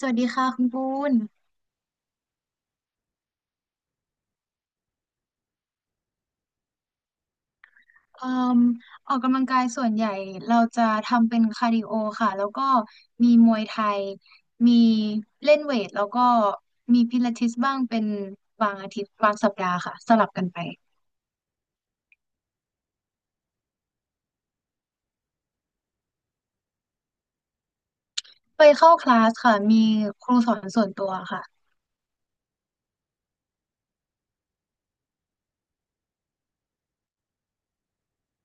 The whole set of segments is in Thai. สวัสดีค่ะคุณปูนเอ่มออกกำลังกายส่วนใหญ่เราจะทำเป็นคาร์ดิโอค่ะแล้วก็มีมวยไทยมีเล่นเวทแล้วก็มีพิลาทิสบ้างเป็นบางอาทิตย์บางสัปดาห์ค่ะสลับกันไปไปเข้าคลาสค่ะมีครูสอนส่วนตัวค่ะ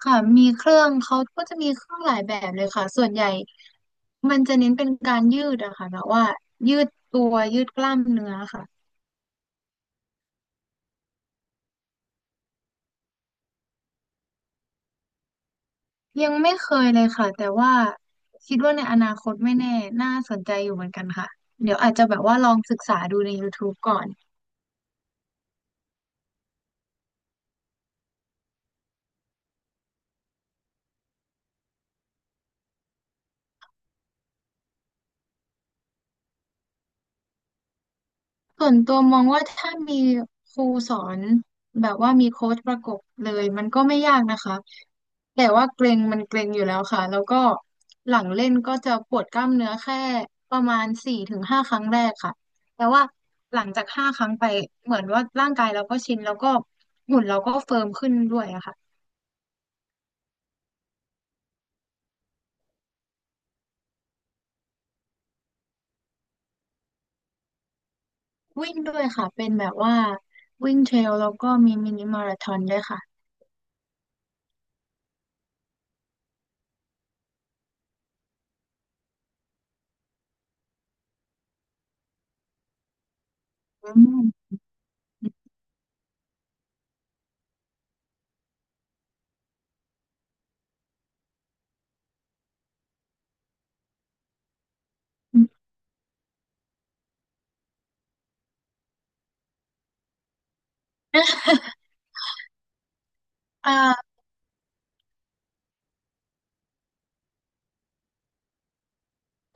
ค่ะมีเครื่องเขาก็จะมีเครื่องหลายแบบเลยค่ะส่วนใหญ่มันจะเน้นเป็นการยืดอะค่ะแบบว่ายืดตัวยืดกล้ามเนื้อค่ะ ยังไม่เคยเลยค่ะแต่ว่าคิดว่าในอนาคตไม่แน่น่าสนใจอยู่เหมือนกันค่ะเดี๋ยวอาจจะแบบว่าลองศึกษาดูใน YouTube ก่อนส่วนตัวมองว่าถ้ามีครูสอนแบบว่ามีโค้ชประกบเลยมันก็ไม่ยากนะคะแต่ว่าเกร็งมันเกร็งอยู่แล้วค่ะแล้วก็หลังเล่นก็จะปวดกล้ามเนื้อแค่ประมาณ4 ถึง 5 ครั้งแรกค่ะแต่ว่าหลังจากห้าครั้งไปเหมือนว่าร่างกายเราก็ชินแล้วก็หุ่นเราก็เฟิร์มขึ้นด้วยอะค่ะ วิ่งด้วยค่ะเป็นแบบว่าวิ่งเทรลแล้วก็มีมินิมาราธอนด้วยค่ะอืม อืม อ่า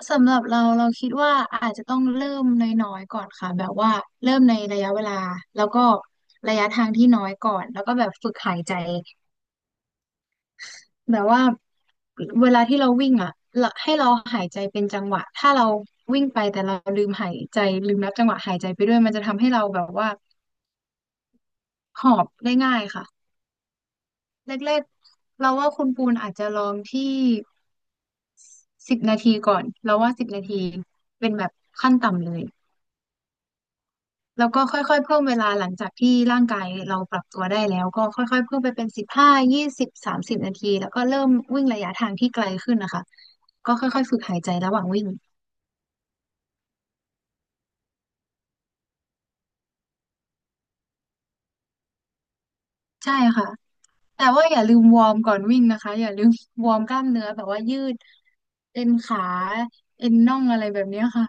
สำหรับเราเราคิดว่าอาจจะต้องเริ่มน้อยๆก่อนค่ะแบบว่าเริ่มในระยะเวลาแล้วก็ระยะทางที่น้อยก่อนแล้วก็แบบฝึกหายใจแบบว่าเวลาที่เราวิ่งอ่ะเราให้เราหายใจเป็นจังหวะถ้าเราวิ่งไปแต่เราลืมหายใจลืมนับจังหวะหายใจไปด้วยมันจะทำให้เราแบบว่าหอบได้ง่ายค่ะ แรกๆเราว่าคุณปูนอาจจะลองที่สิบนาทีก่อน เราว่า10 นาทีเป็นแบบขั้นต่ำเลยแล้วก็ค่อยๆเพิ่มเวลาหลังจากที่ร่างกายเราปรับตัวได้แล้วก็ค่อยๆเพิ่มไปเป็น15 20 30 นาทีแล้วก็เริ่มวิ่งระยะทางที่ไกลขึ้นนะคะใช่ค่ะแต่ว่าอย่าลืมวอร์มก่อนวิ่งนะคะอย่าลืม วอร์มกล้ามเนื้อแบบว่ายืดเอ็นขาเอ็นน่องอะไรแบบเนี้ยค่ะ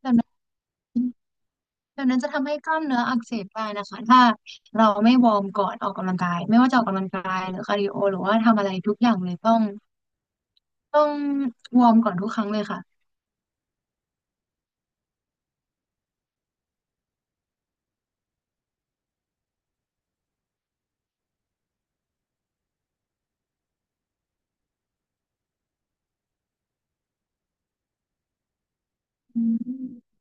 แบบนั้น ดังนั้นจะทำให้กล้ามเนื้ออักเสบได้นะคะถ้าเราไม่วอร์มก่อนออกกำลังกายไม่ว่าจะออกกำลังกายหรือคาร์ดิโอหรือว่าทำอะไรทุกอย่างเลยต้องวอร์มก่อนทุกครั้งเลยค่ะอืม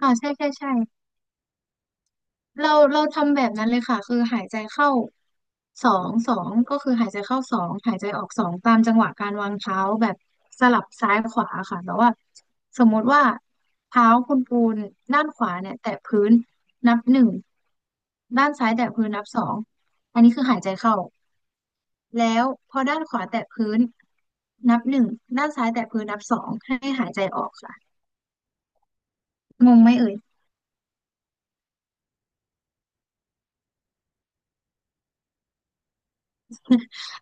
ค่ะใช่ใช่ใช่ เราทำแบบนั้นเลยค่ะคือหายใจเข้าสองสองก็คือหายใจเข้าสองหายใจออกสองตามจังหวะการวางเท้าแบบสลับซ้ายขวาค่ะแต่ว่าสมมุติว่าเท้าคุณปูนด้านขวาเนี่ยแตะพื้นนับหนึ่งด้านซ้ายแตะพื้นนับสองอันนี้คือหายใจเข้าแล้วพอด้านขวาแตะพื้นนับหนึ่งด้านซ้ายแตะพื้นนับสองให้หายใจออกค่ะงงไหมเอ่ย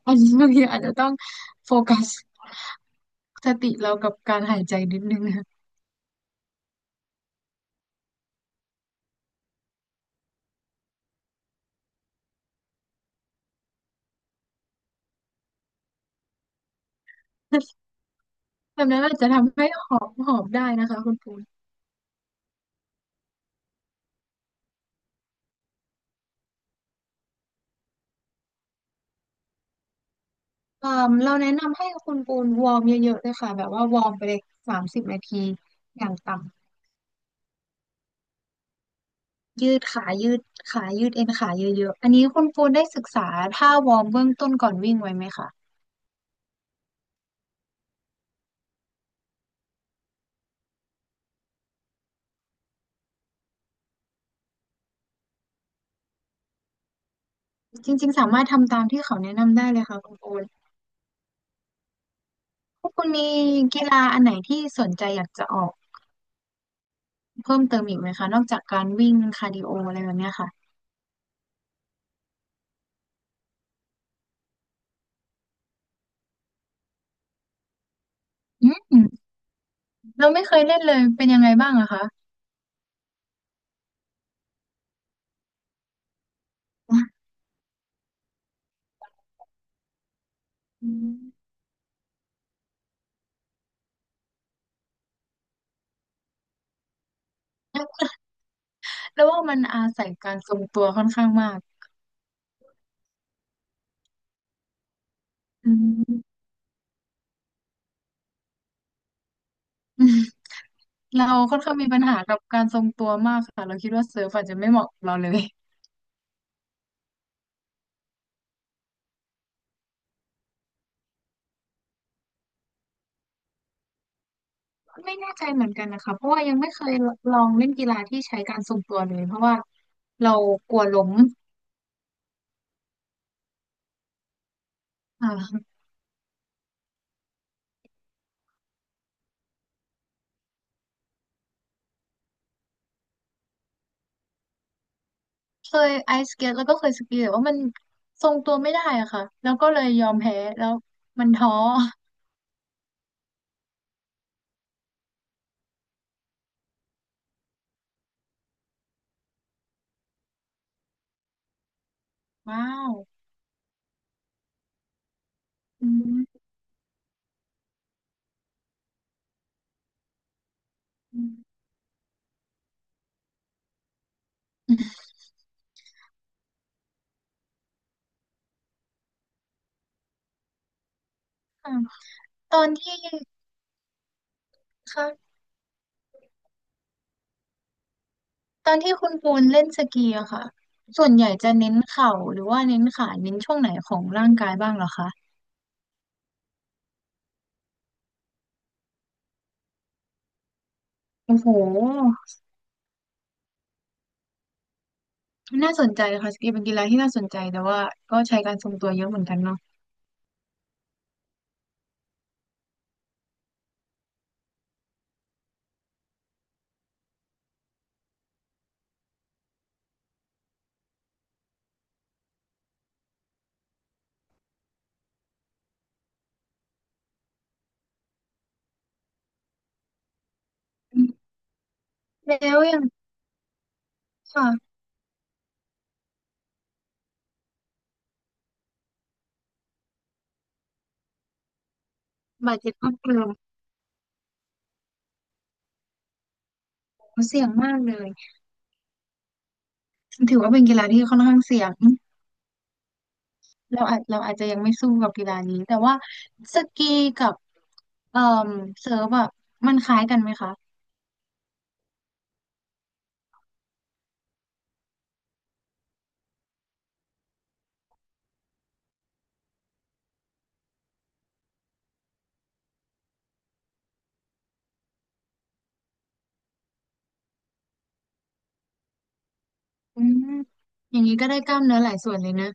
อันนี้ บางทีอาจจะต้องโฟกัส สติเรากับการหายใจนิดนึงนะ แบบนั้นอาจจะทำให้หอบได้นะคะคุณปูนเอ่มเราแนะนำให้คุณปูนวอร์มเยอะๆเลยค่ะแบบว่าวอร์มไปเลยสามสิบนาทีอย่างต่ำ ยืดขายืดขายืดเอ็นขาเยอะๆอันนี้คุณปูนได้ศึกษาท่าวอร์มเบื้องต้นก่อนวิ่งไว้ไหมคะ จริงๆสามารถทำตามที่เขาแนะนำได้เลยค่ะคุณปูนพวกคุณมีกีฬาอันไหนที่สนใจอยากจะออกเพิ่มเติมอีกไหมคะนอกจากการวิ่งคาร์ดิโออะไรแบบเนี้ยค่ะอืม เราไม่เคยเล่นเลยเป็นยังไงบ้างอะคะอืม แล้วว่ามันอาศัยการทรงตัวค่อนข้างมากอืมอืมเราค่อนข้างมีปัญหากับการทรงตัวมากค่ะเราคิดว่าเซิร์ฟอาจจะไม่เหมาะกับเราเลยไม่แน่ใจเหมือนกันนะคะเพราะว่ายังไม่เคยลองเล่นกีฬาที่ใช้การทรงตัวเลยเพราะว่าเรากลัวล้มอ่าเคยไอสเก็ตแล้วก็เคยสกีแต่ว่ามันทรงตัวไม่ได้อะค่ะแล้วก็เลยยอมแพ้แล้วมันท้อว้าวอืมอมค่ะตอนที่ ค่ะตอนที่คุณปูนเล่นสกีอะค่ะส่วนใหญ่จะเน้นเข่าหรือว่าเน้นขาเน้นช่วงไหนของร่างกายบ้างเหรอคะโอ้โหน่าสนใจค่ะสกีเป็นกีฬาที่น่าสนใจแต่ว่าก็ใช้การทรงตัวเยอะเหมือนกันเนาะอืมแล้วอย่างค่ะบาดเจ็บข้อเสื่าเสี่ยงมากเลยถือว่าเป็นกีฬาที่ค่อนข้างเสี่ยงเราอาจจะยังไม่สู้กับกีฬานี้แต่ว่าสกีกับเอ่อเซิร์ฟอะมันคล้ายกันไหมคะอืมอย่างนี้ก็ได้กล้ามเนื้อหลายส่วนเลยนะ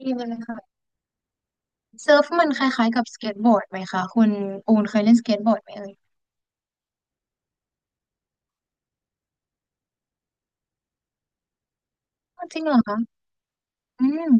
ดีเลยค่ะ เซิร์ฟมันคล้ายๆกับสเก็ตบอร์ดไหมคะคุณอูนเคยเล่นสเก็ตบอร์ดไหมเอ่ยอ้าวจริงเหรอคะอืม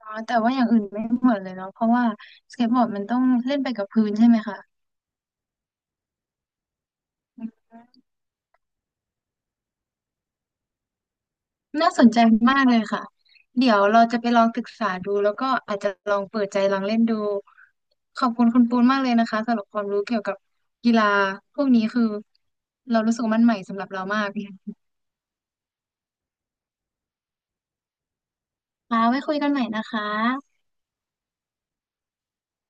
อ๋อแต่ว่าอย่างอื่นไม่เหมือนเลยเนาะเพราะว่าสเก็ตบอร์ดมันต้องเล่นไปกับพื้นใช่ไหมคะอืมน่าสนใจมากเลยค่ะเดี๋ยวเราจะไปลองศึกษาดูแล้วก็อาจจะลองเปิดใจลองเล่นดูขอบคุณคุณปูนมากเลยนะคะสำหรับความรู้เกี่ยวกับกีฬาพวกนี้คือเรารู้สึกว่ามันใหม่สำหรับเรามากค่ะไว้คุยกันใหม่นะคะ